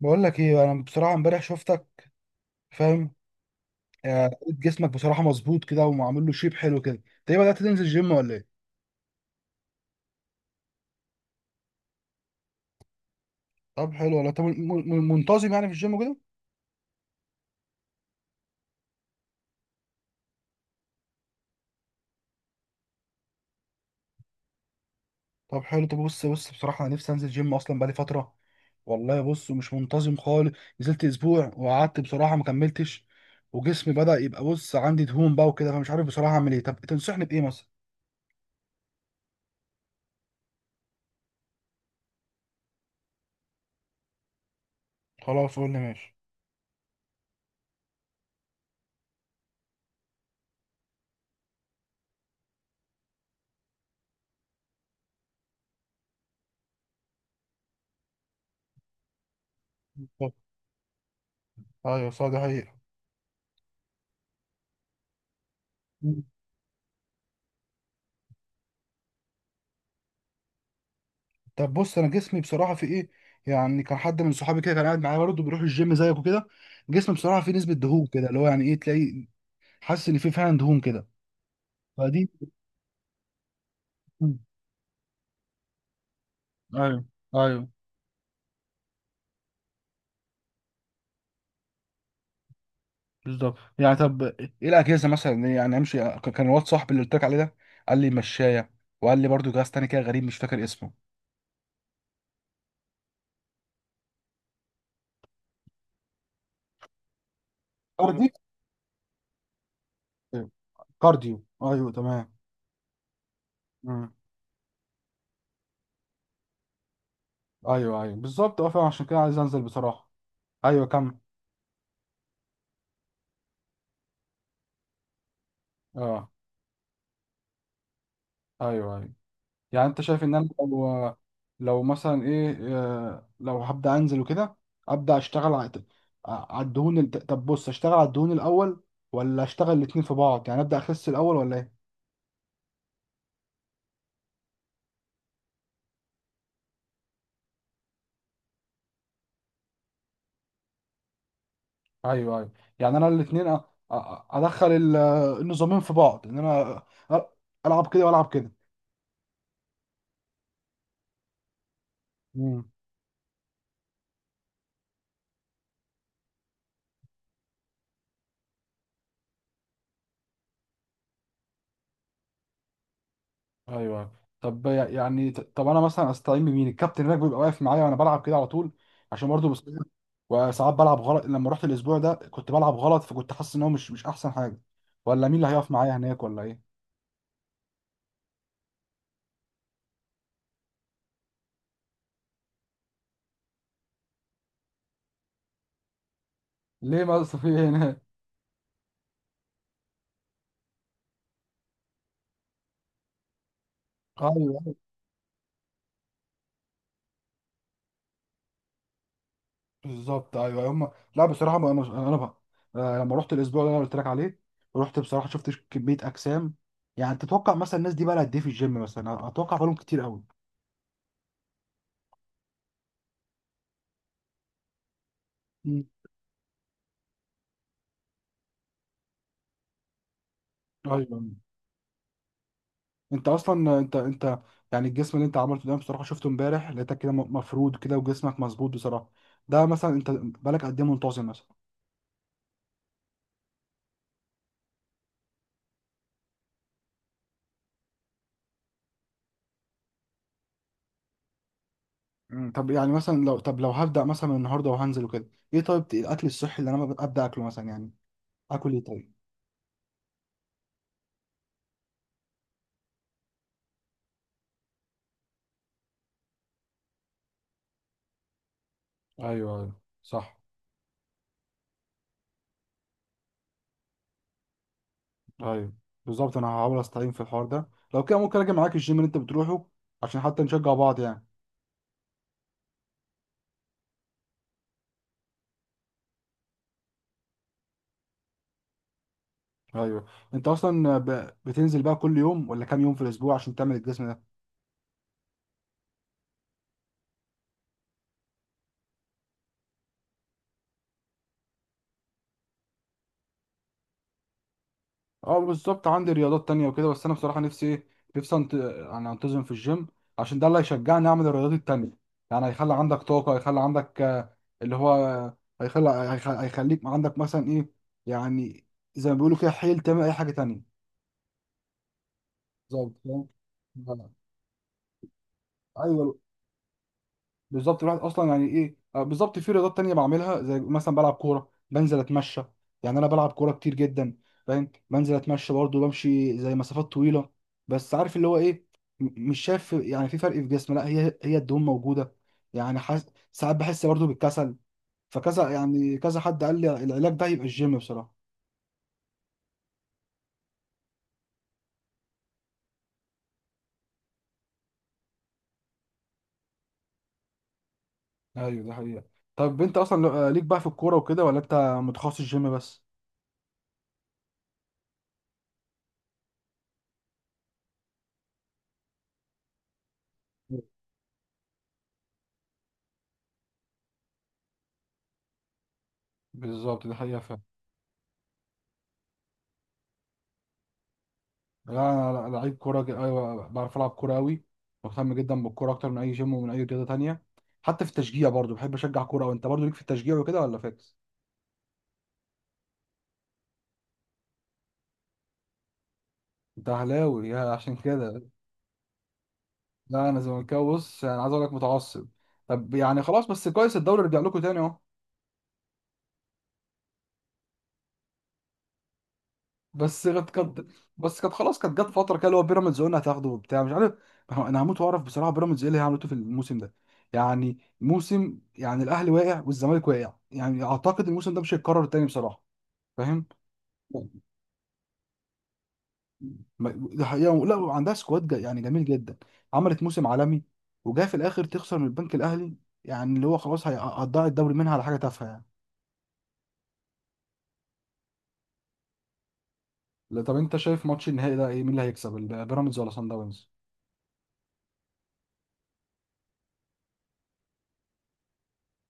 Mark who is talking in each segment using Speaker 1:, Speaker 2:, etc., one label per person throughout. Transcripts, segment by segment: Speaker 1: بقول لك ايه، انا بصراحه امبارح شفتك. فاهم؟ آه، لقيت جسمك بصراحه مظبوط كده ومعمول له شيب حلو كده. انت ايه، بدات تنزل جيم ولا ايه؟ طب حلو. ولا انت منتظم يعني في الجيم كده؟ طب حلو. طب بص بصراحه انا نفسي انزل جيم اصلا بقالي فتره. والله بص مش منتظم خالص. نزلت اسبوع وقعدت بصراحه ما كملتش. وجسمي بدا يبقى، بص عندي دهون بقى وكده، فمش عارف بصراحه اعمل ايه. طب تنصحني بايه مثلا؟ خلاص قول لي ماشي. طب. ايوه صح، دي حقيقة. طب بص انا جسمي بصراحه في ايه، يعني كان حد من صحابي كده كان قاعد معايا برضه بيروح الجيم زيك وكده. جسمي بصراحه فيه نسبه دهون كده اللي هو يعني ايه تلاقي، حاسس ان فيه فعلا دهون كده فدي. مم. ايوه. ايوه. بالظبط. يعني طب ايه الاجهزه مثلا، يعني امشي كان الواد صاحبي اللي قلت لك عليه ده قال لي مشايه. وقال لي برضه جهاز تاني كده غريب مش فاكر اسمه. كارديو. كارديو، ايوه تمام. مم. ايوه ايوه بالظبط، اه فعلا عشان كده عايز انزل بصراحه. ايوه كمل. اه. ايوه ايوه. يعني انت شايف ان انا لو، لو مثلا ايه آه، لو هبدا انزل وكده، ابدا اشتغل على الدهون طب بص اشتغل على الدهون الاول ولا اشتغل الاتنين في بعض، يعني ابدا اخس الاول ولا ايه؟ ايوه ايوه. يعني انا الاتنين ادخل النظامين في بعض، ان انا أ- العب كده والعب كده. ايوه. طب يعني طب انا مثلا استعين بمين، الكابتن هناك بيبقى واقف معايا وانا بلعب كده على طول، عشان برضه بس. وساعات بلعب غلط، لما رحت الاسبوع ده كنت بلعب غلط، فكنت حاسس ان هو مش احسن حاجه. ولا مين اللي هيقف معايا هناك ولا ايه؟ ليه، ما في إيه هناك؟ ايوه أيوة، بالظبط ايوه أيوه. هم لا بصراحه، انا بقى لما رحت الاسبوع اللي انا قلت لك عليه، رحت بصراحه شفت كميه اجسام. يعني تتوقع مثلا الناس دي بقى لها قد ايه في الجيم مثلا؟ اتوقع بقالهم كتير قوي. مم. ايوه. انت اصلا انت يعني الجسم اللي انت عملته ده، بصراحه شفته امبارح لقيتك كده مفرود كده وجسمك مظبوط بصراحه. ده مثلا انت بقالك قد ايه منتظم مثلا؟ مم. طب يعني مثلا لو، طب لو هبدا مثلا من النهارده وهنزل وكده، ايه طيب الاكل الصحي اللي انا ابدا اكله مثلا، يعني اكل ايه طيب؟ ايوه ايوه صح. ايوه بالظبط، انا هحاول استعين في الحوار ده. لو كده ممكن اجي معاك الجيم اللي انت بتروحه، عشان حتى نشجع بعض يعني. ايوه. انت اصلا بتنزل بقى كل يوم ولا كام يوم في الاسبوع، عشان تعمل الجسم ده؟ اه بالظبط، عندي رياضات تانية وكده بس انا بصراحة نفسي ايه، نفسي انت... يعني انتظم في الجيم، عشان ده اللي هيشجعني اعمل الرياضات التانية. يعني هيخلي عندك طاقة، هيخلي عندك اللي هو هيخلي هيخليك عندك مثلا ايه، يعني زي ما بيقولوا كده، حيل تعمل اي حاجة تانية. بالظبط، فاهم؟ ايوه. بالظبط الواحد اصلا يعني ايه بالظبط في رياضات تانية بعملها، زي مثلا بلعب كوره، بنزل اتمشى. يعني انا بلعب كوره كتير جدا فاهم. بنزل اتمشى برضه، بمشي زي مسافات طويله. بس عارف اللي هو ايه، مش شايف يعني في فرق في جسمي، لا هي الدهون موجوده يعني ساعات بحس برضه بالكسل. فكذا يعني كذا حد قال لي العلاج ده يبقى الجيم بصراحه. ايوه ده حقيقة. طب انت اصلا ليك بقى في الكوره وكده، ولا انت متخصص جيم بس؟ بالظبط ده حقيقة فعلا. لا انا لعيب كوره ايوه بعرف العب كوره قوي. مهتم جدا بالكوره اكتر من اي جيم ومن اي رياضه تانية. حتى في التشجيع برضو بحب اشجع كوره، وانت برضو ليك في التشجيع وكده ولا فاكس؟ انت اهلاوي يا عشان كده؟ لا انا زملكاوي، بص انا عايز اقول لك، متعصب. طب يعني خلاص، بس كويس الدوري رجع لكم تاني اهو. بس كانت كانت بس كانت خلاص، كانت جت فتره كده اللي هو بيراميدز قلنا هتاخده وبتاع مش عارف. انا هموت واعرف بصراحه بيراميدز ايه اللي هي عملته في الموسم ده. يعني موسم، يعني الاهلي واقع والزمالك واقع، يعني اعتقد الموسم ده مش هيتكرر تاني بصراحه فاهم. ده حقيقة، لا وعندها سكواد يعني جميل جدا، عملت موسم عالمي وجايه في الاخر تخسر من البنك الاهلي، يعني اللي هو خلاص هتضيع الدوري منها على حاجه تافهه يعني. لا، طب انت شايف ماتش النهائي ده ايه، مين اللي هيكسب بيراميدز ولا صن داونز؟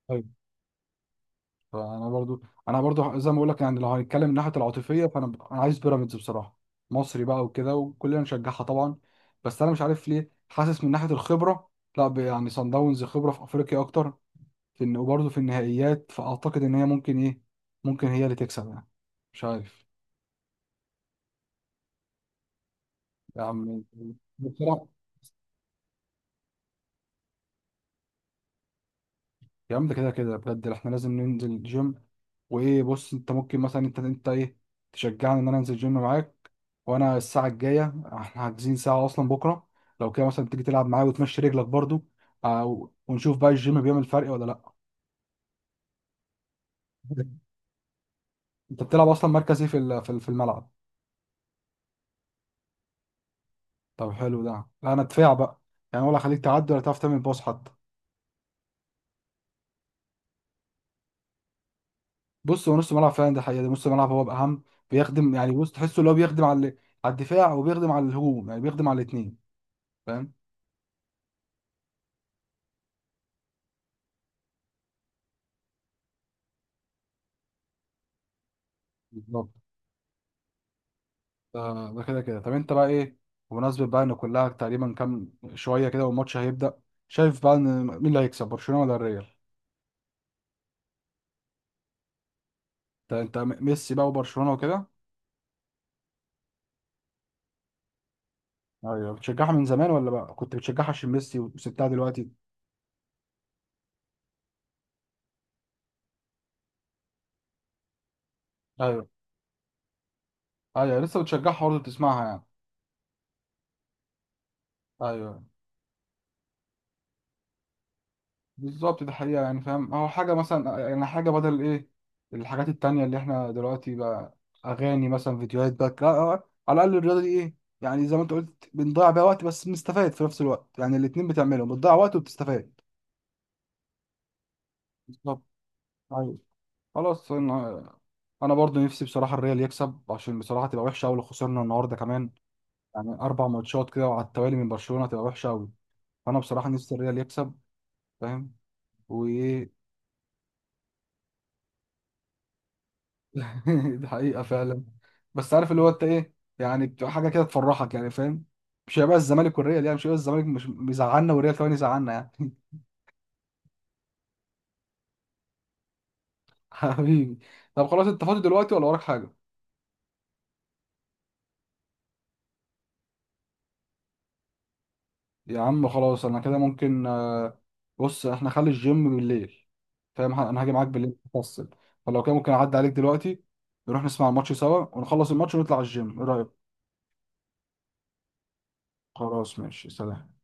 Speaker 1: طيب. فانا برضو انا برضو زي ما بقول لك، يعني لو هنتكلم من ناحيه العاطفيه فانا انا عايز بيراميدز بصراحه. مصري بقى وكده وكلنا نشجعها طبعا. بس انا مش عارف ليه حاسس من ناحيه الخبره، لا يعني صن داونز خبره في افريقيا اكتر، في إن وبرضه في النهائيات، فأعتقد إن هي ممكن إيه، ممكن هي اللي تكسب يعني مش عارف. يا عم بصراحة، يا عم ده كده كده بجد احنا لازم ننزل الجيم. وإيه بص، أنت ممكن مثلا أنت إيه، تشجعني إن أنا أنزل الجيم معاك. وأنا الساعة الجاية احنا حاجزين ساعة أصلا بكرة. لو كده مثلا تيجي تلعب معايا وتمشي رجلك برضه، ونشوف بقى الجيم بيعمل فرق ولا لأ. انت بتلعب اصلا مركز ايه في الملعب؟ طب حلو ده. لا انا دفاع بقى، يعني ولا خليك تعدي، ولا تعرف تعمل باص حتى. بص هو نص ملعب فعلا، ده حقيقة ده نص ملعب هو بأهم. بيخدم يعني، بص تحسه اللي هو بيخدم على على الدفاع، وبيخدم على الهجوم، يعني بيخدم على الاثنين فاهم. بالظبط. ده كده كده، طب انت بقى ايه، بمناسبة بقى ان كلها تقريبا كام شوية كده والماتش هيبدأ، شايف بقى ان مين اللي هيكسب، برشلونة ولا الريال؟ انت ميسي بقى وبرشلونة وكده؟ ايوه، بتشجعها من زمان ولا بقى كنت بتشجعها عشان ميسي وسبتها دلوقتي؟ ايوه ايوه، لسه بتشجعها برضه بتسمعها يعني. ايوه بالظبط دي حقيقة، يعني فاهم، هو حاجة مثلا يعني حاجة بدل ايه، الحاجات التانية اللي احنا دلوقتي بقى أغاني مثلا فيديوهات بقى، لا، على الأقل الرياضة دي ايه، يعني زي ما انت قلت بنضيع بيها وقت بس بنستفاد في نفس الوقت، يعني الاتنين بتعملهم، بتضيع وقت وبتستفاد. بالظبط. ايوه. خلاص، انا برضه نفسي بصراحة الريال يكسب، عشان بصراحة تبقى وحشة أوي لو خسرنا النهاردة كمان. يعني 4 ماتشات كده وعلى التوالي من برشلونة، تبقى وحشة أوي. فأنا بصراحة نفسي الريال يكسب فاهم وإيه. دي حقيقة فعلا. بس عارف اللي هو انت ايه، يعني بتبقى حاجة كده تفرحك يعني فاهم، مش هيبقى الزمالك والريال يعني مش هيبقى الزمالك مش بيزعلنا والريال كمان يزعلنا يعني. حبيبي. طب خلاص، انت فاضي دلوقتي ولا وراك حاجة؟ يا عم خلاص انا كده ممكن بص احنا خلي الجيم بالليل فاهم، انا هاجي معاك بالليل تفصل. فلو كده ممكن اعدي عليك دلوقتي، نروح نسمع الماتش سوا ونخلص الماتش ونطلع الجيم، ايه رأيك؟ خلاص ماشي، سلام.